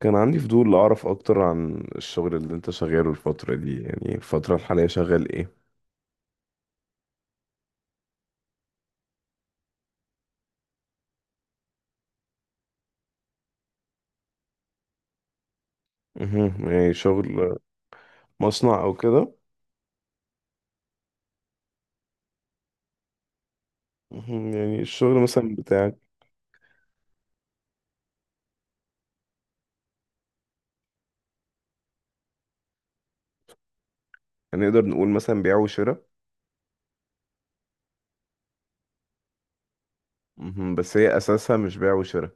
كان عندي فضول أعرف أكتر عن الشغل اللي أنت شغاله الفترة دي، يعني الفترة الحالية شغال إيه؟ مهم. يعني شغل مصنع أو كده؟ مهم. يعني الشغل مثلا بتاعك هنقدر نقول مثلا بيع وشراء؟ مهم. بس هي أساسها مش بيع وشراء.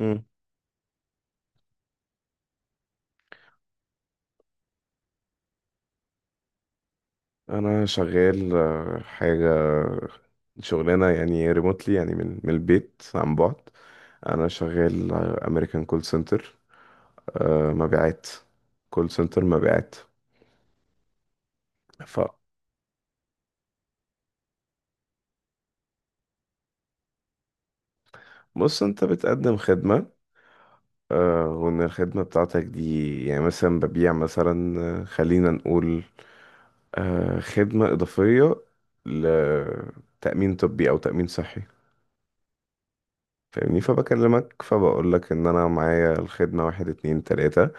مم. أنا شغال حاجة شغلانة، يعني ريموتلي، يعني من البيت عن بعد. أنا شغال أمريكان كول سنتر مبيعات، كول سنتر مبيعات. فبص، أنت بتقدم خدمة، وان الخدمة بتاعتك دي يعني مثلا ببيع مثلا، خلينا نقول خدمة إضافية لتأمين طبي أو تأمين صحي. فاهمني؟ فبكلمك، فبقولك إن أنا معايا الخدمة واحد اتنين تلاتة،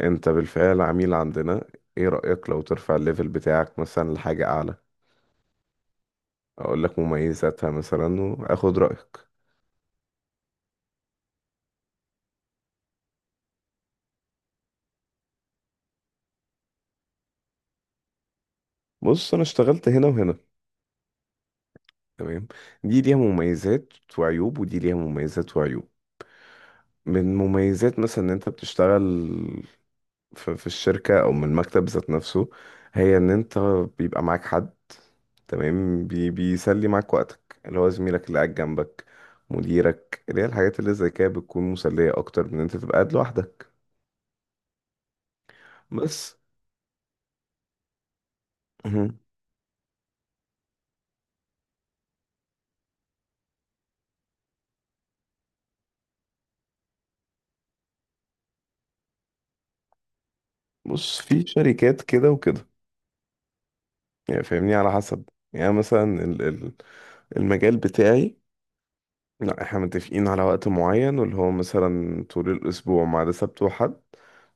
أنت بالفعل عميل عندنا، إيه رأيك لو ترفع الليفل بتاعك مثلا لحاجة أعلى؟ أقولك مميزاتها مثلا وآخد رأيك. بص، أنا اشتغلت هنا وهنا. تمام. دي ليها مميزات وعيوب ودي ليها مميزات وعيوب. من مميزات مثلا ان انت بتشتغل في الشركة او من المكتب ذات نفسه، هي ان انت بيبقى معاك حد، تمام، بيسلي معاك وقتك، اللي هو زميلك اللي قاعد جنبك، مديرك، اللي هي الحاجات اللي زي كده بتكون مسلية اكتر من ان انت تبقى قاعد لوحدك. بس مهم. بص في شركات كده وكده، يعني فاهمني، على حسب. يعني مثلا المجال بتاعي، لا، احنا متفقين على وقت معين، واللي هو مثلا طول الأسبوع ما عدا سبت وحد،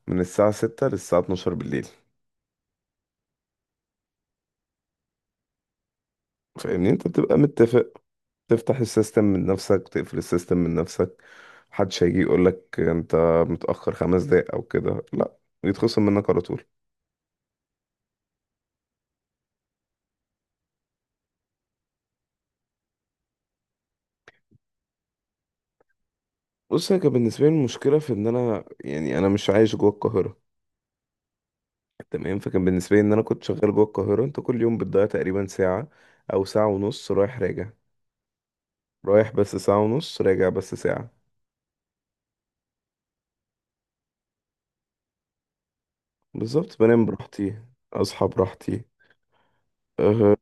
من الساعة 6 للساعة اتناشر بالليل. فاهمني، انت بتبقى متفق، تفتح السيستم من نفسك، تقفل السيستم من نفسك، محدش هيجي يقولك انت متأخر 5 دقايق او كده، لا، يتخصم منك على طول. بص، هي كان بالنسبة لي المشكلة في ان انا، يعني انا مش عايش جوه القاهرة. تمام. فكان بالنسبة لي ان انا كنت شغال جوه القاهرة، انت كل يوم بتضيع تقريبا ساعة او ساعة ونص رايح راجع، رايح بس ساعة ونص، راجع بس ساعة. بالظبط، بنام براحتي، اصحى براحتي. أه.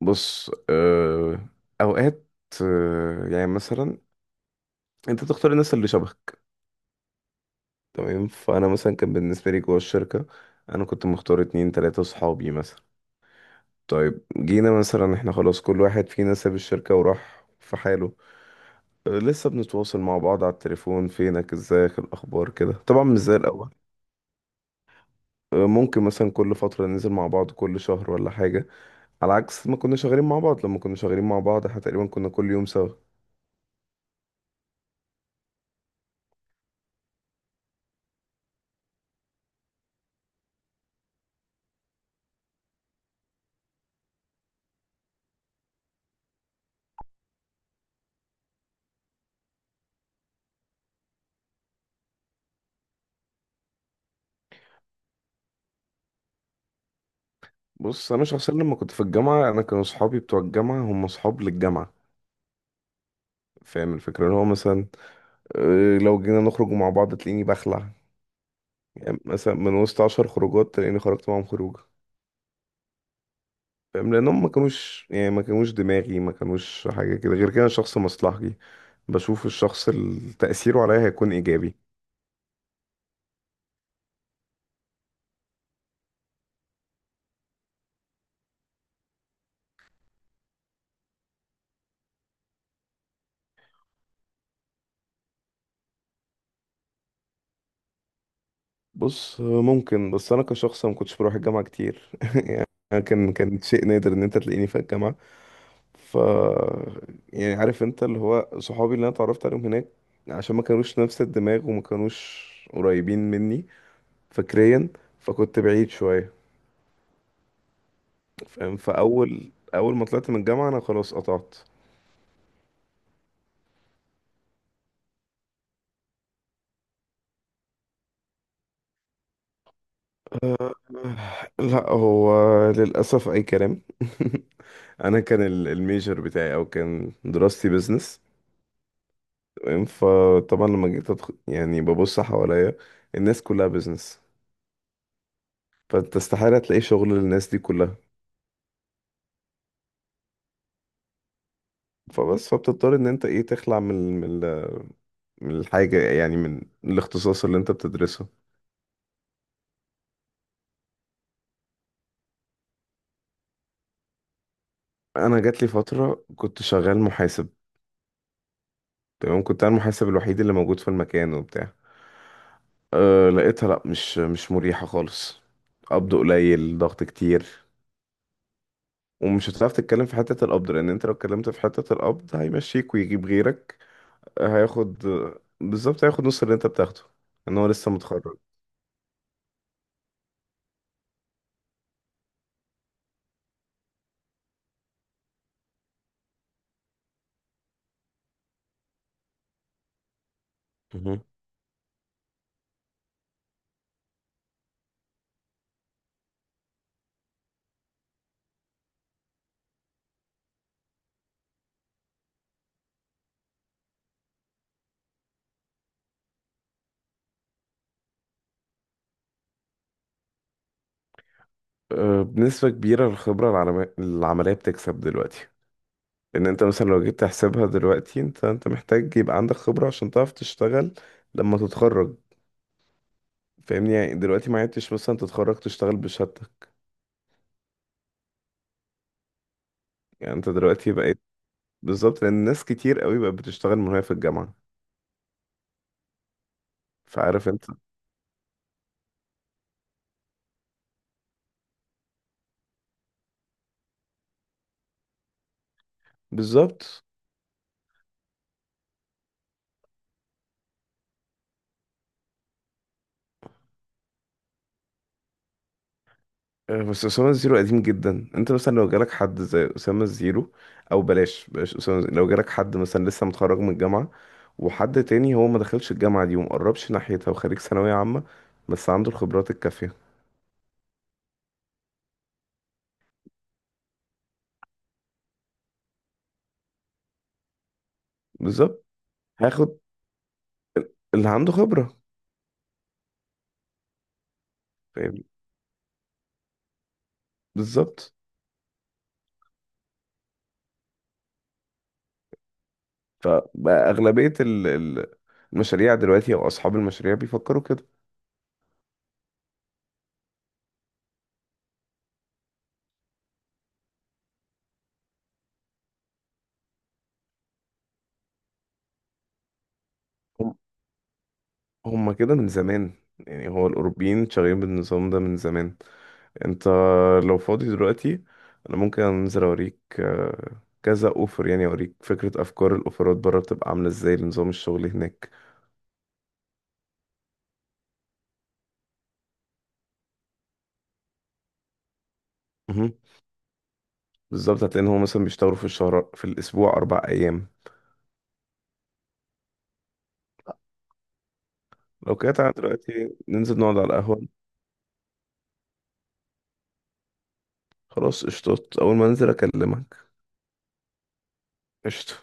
بص، اوقات، يعني مثلا انت تختار الناس اللي شبهك. تمام. فانا مثلا كان بالنسبه لي جوه الشركه، انا كنت مختار اتنين تلاته صحابي مثلا. طيب جينا مثلا احنا خلاص، كل واحد فينا ساب الشركه وراح في حاله. أه لسه بنتواصل مع بعض على التليفون، فينك، ازيك، الاخبار كده، طبعا مش زي الاول. أه ممكن مثلا كل فتره ننزل مع بعض كل شهر ولا حاجه، على عكس ما كنا شغالين مع بعض. لما كنا شغالين مع بعض احنا تقريبا كنا كل يوم سوا. بص، انا شخصيا لما كنت في الجامعه، انا كانوا اصحابي بتوع الجامعه هم اصحاب للجامعه. فاهم الفكره؟ اللي هو مثلا لو جينا نخرج مع بعض تلاقيني بخلع. يعني مثلا من وسط 10 خروجات تلاقيني خرجت معاهم خروجه. فاهم؟ لانهم ما كانوش، يعني ما كانوش دماغي، ما كانوش حاجه كده. غير كده، أنا شخص مصلحجي، بشوف الشخص اللي تاثيره عليا هيكون ايجابي. بص ممكن، بس انا كشخص ما كنتش بروح الجامعه كتير. كان شيء نادر ان انت تلاقيني في الجامعه، ف يعني عارف انت اللي هو صحابي اللي انا اتعرفت عليهم هناك عشان ما كانوش نفس الدماغ، وما كانوش قريبين مني فكريا، فكنت بعيد شوية. فاهم؟ فأول ما طلعت من الجامعة أنا خلاص قطعت. لا، هو للأسف أي كلام. أنا كان الميجر بتاعي، أو كان دراستي بيزنس. تمام. فطبعا لما جيت أدخل، يعني ببص حواليا الناس كلها بيزنس، فأنت استحالة تلاقي شغل للناس دي كلها. فبس، فبتضطر ان انت ايه تخلع من من الحاجة، يعني من الاختصاص اللي انت بتدرسه. انا جات لي فترة كنت شغال محاسب. تمام. كنت انا المحاسب الوحيد اللي موجود في المكان وبتاع. أه لقيتها، لا، مش مريحة خالص، قبض قليل ضغط كتير، ومش هتعرف تتكلم في حتة القبض، لان انت لو اتكلمت في حتة القبض هيمشيك ويجيب غيرك. هياخد، بالظبط هياخد نص اللي انت بتاخده، ان هو لسه متخرج. مهم. بنسبة كبيرة الخبرة العملية بتكسب دلوقتي، لان انت مثلا لو جيت تحسبها دلوقتي، انت محتاج يبقى عندك خبرة عشان تعرف تشتغل لما تتخرج. فاهمني؟ يعني دلوقتي ما عدتش مثلا تتخرج تشتغل بشهادتك، يعني انت دلوقتي بقيت، بالظبط، لان ناس كتير قوي بقت بتشتغل من وهي في الجامعة. فعارف انت؟ بالظبط. بس أسامة الزيرو قديم جدا. انت مثلا لو جالك حد زي أسامة الزيرو، او بلاش بلاش أسامة الزيرو، لو جالك حد مثلا لسه متخرج من الجامعة، وحد تاني هو ما دخلش الجامعة دي ومقربش ناحيتها، وخريج ثانوية عامة بس عنده الخبرات الكافية، بالظبط هاخد اللي عنده خبرة. فاهم؟ بالظبط. فأغلبية المشاريع دلوقتي، أو أصحاب المشاريع بيفكروا كده، هم هم كده من زمان، يعني هو الأوروبيين شغالين بالنظام ده من زمان. أنت لو فاضي دلوقتي، أنا ممكن أنزل أوريك كذا أوفر، يعني أوريك فكرة أفكار الأوفرات بره بتبقى عاملة إزاي لنظام الشغل هناك. مهم. بالظبط هتلاقي إن هو مثلا بيشتغلوا في الشهر في الأسبوع 4 أيام. لو كده تعالى دلوقتي ننزل نقعد على القهوة. خلاص قشطات، أول ما أنزل أكلمك. قشطة.